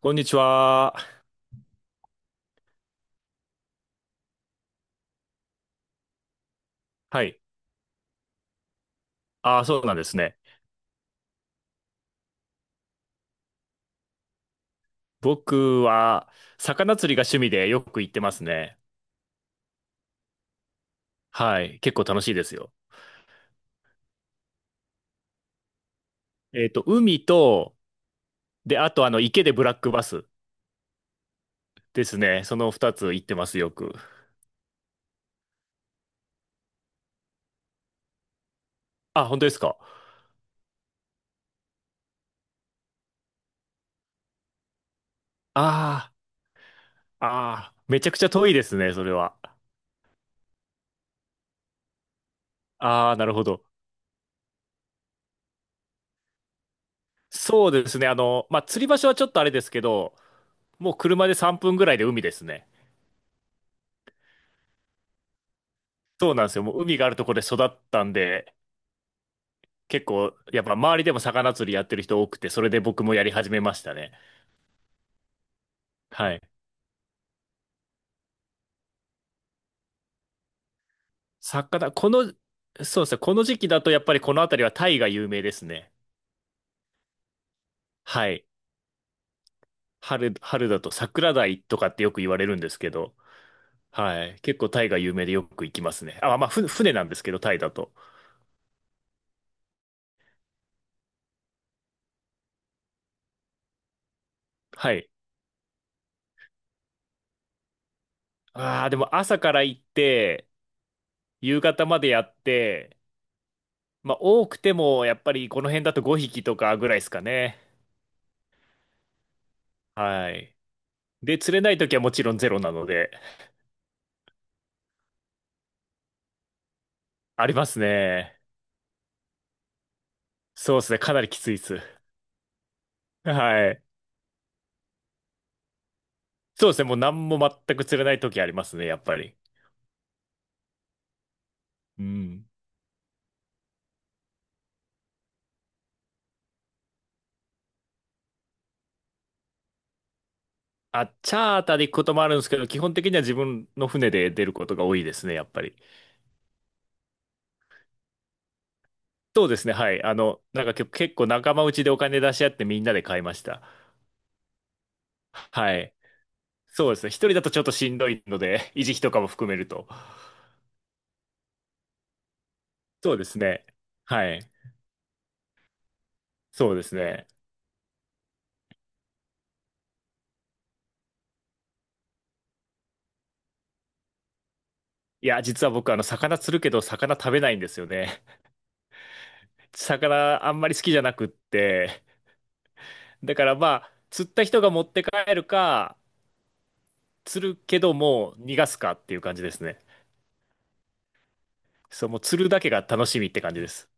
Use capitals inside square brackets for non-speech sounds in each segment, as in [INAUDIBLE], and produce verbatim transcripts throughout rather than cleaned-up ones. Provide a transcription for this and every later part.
こんにちは。はい。ああ、そうなんですね。僕は、魚釣りが趣味でよく行ってますね。はい。結構楽しいですよ。えっと、海と、で、あと、あの、池でブラックバスですね。その二つ行ってます、よく。あ、本当ですか。ああ、ああ、めちゃくちゃ遠いですね、それは。ああ、なるほど。そうですね。あの、まあ、釣り場所はちょっとあれですけど、もう車でさんぷんぐらいで海ですね。そうなんですよ。もう海があるところで育ったんで、結構、やっぱ周りでも魚釣りやってる人多くて、それで僕もやり始めましたね。はい。魚、この、そうですね、この時期だとやっぱりこの辺りはタイが有名ですね。はい。春、春だと桜鯛とかってよく言われるんですけど、はい。結構タイが有名でよく行きますね。あ、まあ、ふ船なんですけど、タイだと。はい。ああ、でも朝から行って、夕方までやって、まあ、多くても、やっぱりこの辺だとごひきとかぐらいですかね。はい。で、釣れない時はもちろんゼロなので、ありますね。そうですね。かなりきついです。はい。そうですね。もう何も全く釣れない時ありますね、やっぱり。うん。あ、チャーターで行くこともあるんですけど、基本的には自分の船で出ることが多いですね、やっぱり。そうですね。はい。あの、なんか結結構仲間内でお金出し合ってみんなで買いました。はい。そうですね。一人だとちょっとしんどいので、[LAUGHS] 維持費とかも含めると。そうですね。はい。そうですね。いや、実は僕、あの、魚釣るけど、魚食べないんですよね。魚あんまり好きじゃなくって、だからまあ、釣った人が持って帰るか、釣るけどもう逃がすかっていう感じですね。そう、もう釣るだけが楽しみって感じです。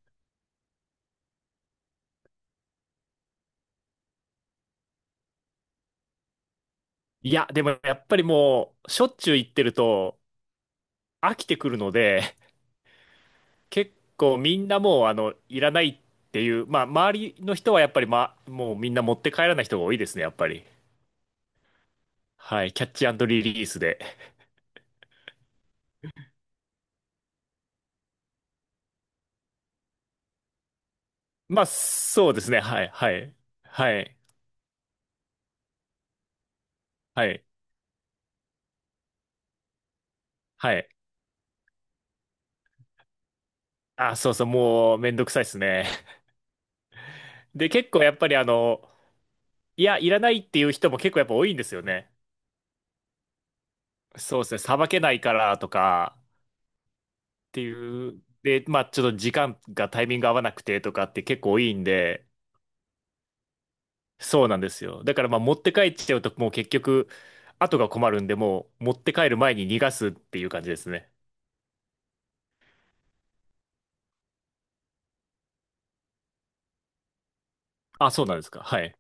いや、でもやっぱりもう、しょっちゅう行ってると飽きてくるので、結構みんなもう、あの、いらないっていう、まあ、周りの人はやっぱり、まあ、もうみんな持って帰らない人が多いですね、やっぱり。はい、キャッチリリースで。まあ、そうですね、はい、はい、はい、はい、はい。あ、そうそう、もうめんどくさいですね。で、結構やっぱりあの、いや、いらないっていう人も結構やっぱ多いんですよね。そうですね、さばけないからとかっていう、で、まあちょっと時間がタイミング合わなくてとかって結構多いんで、そうなんですよ。だからまあ持って帰っちゃうともう結局、後が困るんで、もう持って帰る前に逃がすっていう感じですね。あ、そうなんですか。はい。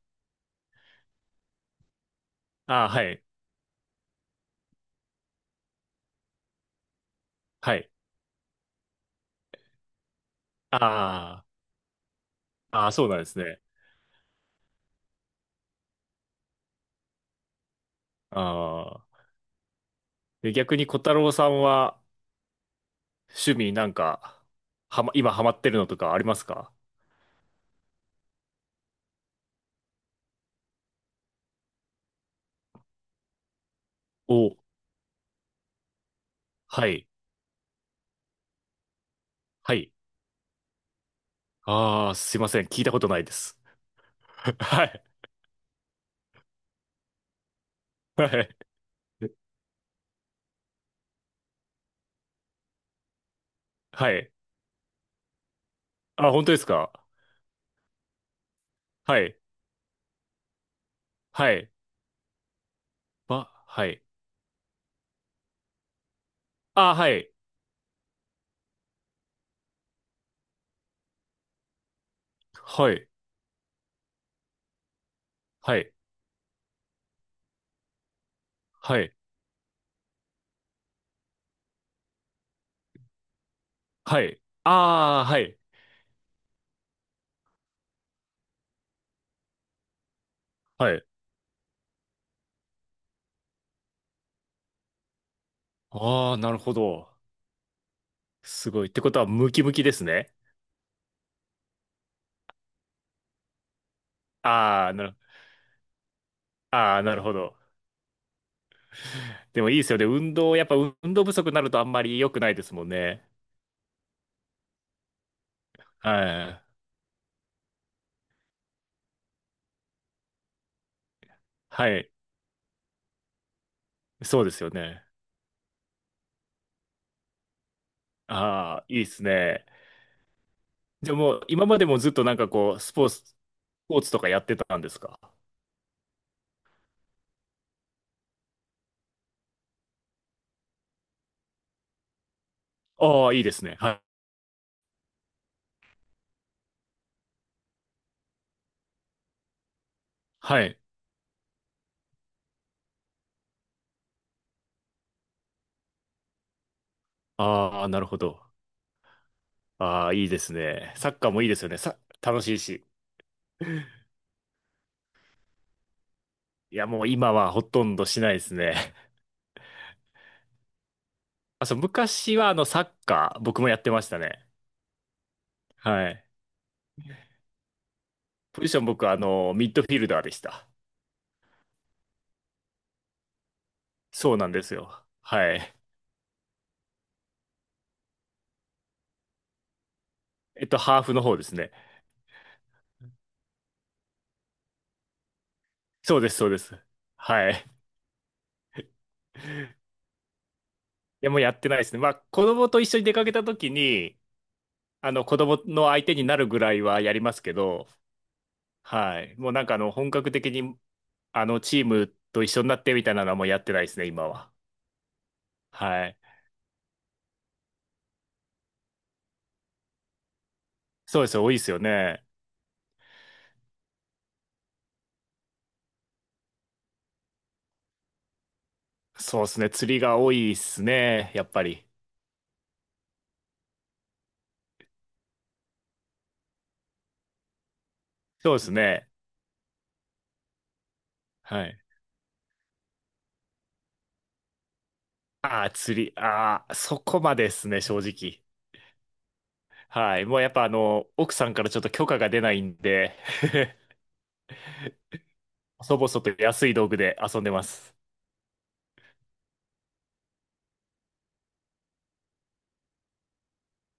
あ、はい。はい。ああ、あ、そうなんですね。ああ。で、逆に小太郎さんは、趣味なんか、はま、今ハマってるのとかありますか？お、はい、はい。ああ、すいません。聞いたことないです。[LAUGHS] はい、はい、はい。あ、本当ですか？はい、はい、ば、はい。あ、はい、はい、はい、はい、はい。ああ、はい、はい。ああ、なるほど。すごい。ってことは、ムキムキですね。ああ、なる、ああ、なるほど。でもいいですよね。運動、やっぱ運動不足になるとあんまり良くないですもんね。はい。はい。そうですよね。ああ、いいですね。じゃあもう今までもずっとなんかこう、スポーツ、スポーツとかやってたんですか？ああ、いいですね。はい。はい。ああ、なるほど。ああ、いいですね。サッカーもいいですよね。さ、楽しいし。いや、もう今はほとんどしないですね。あ、そう、昔はあのサッカー、僕もやってましたね。はい。ポジション僕はあの、ミッドフィルダーでした。そうなんですよ。はい。えっと、ハーフの方ですね。そうです、そうです。はい。や、もうやってないですね。まあ、子供と一緒に出かけた時に、あの、子供の相手になるぐらいはやりますけど、はい。もうなんかあの、本格的に、あの、チームと一緒になってみたいなのはもうやってないですね、今は。はい。そうですよ、多いですよね。そうですね、釣りが多いですね、やっぱり。そうですね。はい。ああ、釣り、ああ、そこまでですね、正直。はい。もうやっぱあの、奥さんからちょっと許可が出ないんで、[LAUGHS] 細々と安い道具で遊んでます。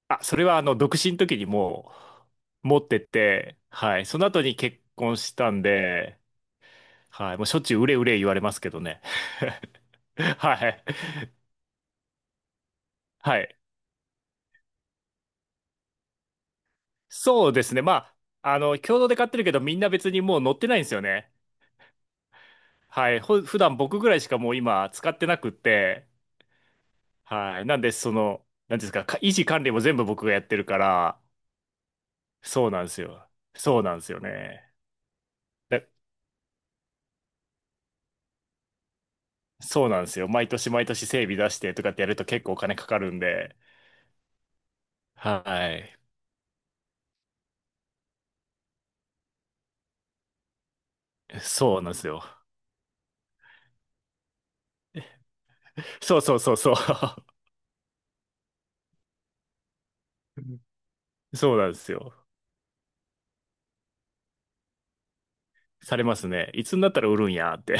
あ、それはあの、独身の時にもう持ってって、はい。その後に結婚したんで、はい。もうしょっちゅううれうれ言われますけどね。[LAUGHS] はい。はい。そうですね。まあ、あの、共同で買ってるけど、みんな別にもう乗ってないんですよね。はい。ほ、普段僕ぐらいしかもう今使ってなくって、はい。なんで、その、なんていうんですか、か維持管理も全部僕がやってるから、そうなんですよ。そうなんですよね。だそうなんですよ。毎年毎年整備出してとかってやると結構お金かかるんで。はい。そうなんですよ。そうそうそうそう。[LAUGHS] そうなんですよ。されますね。いつになったら売るんやって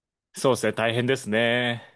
[LAUGHS] そうですね。大変ですね。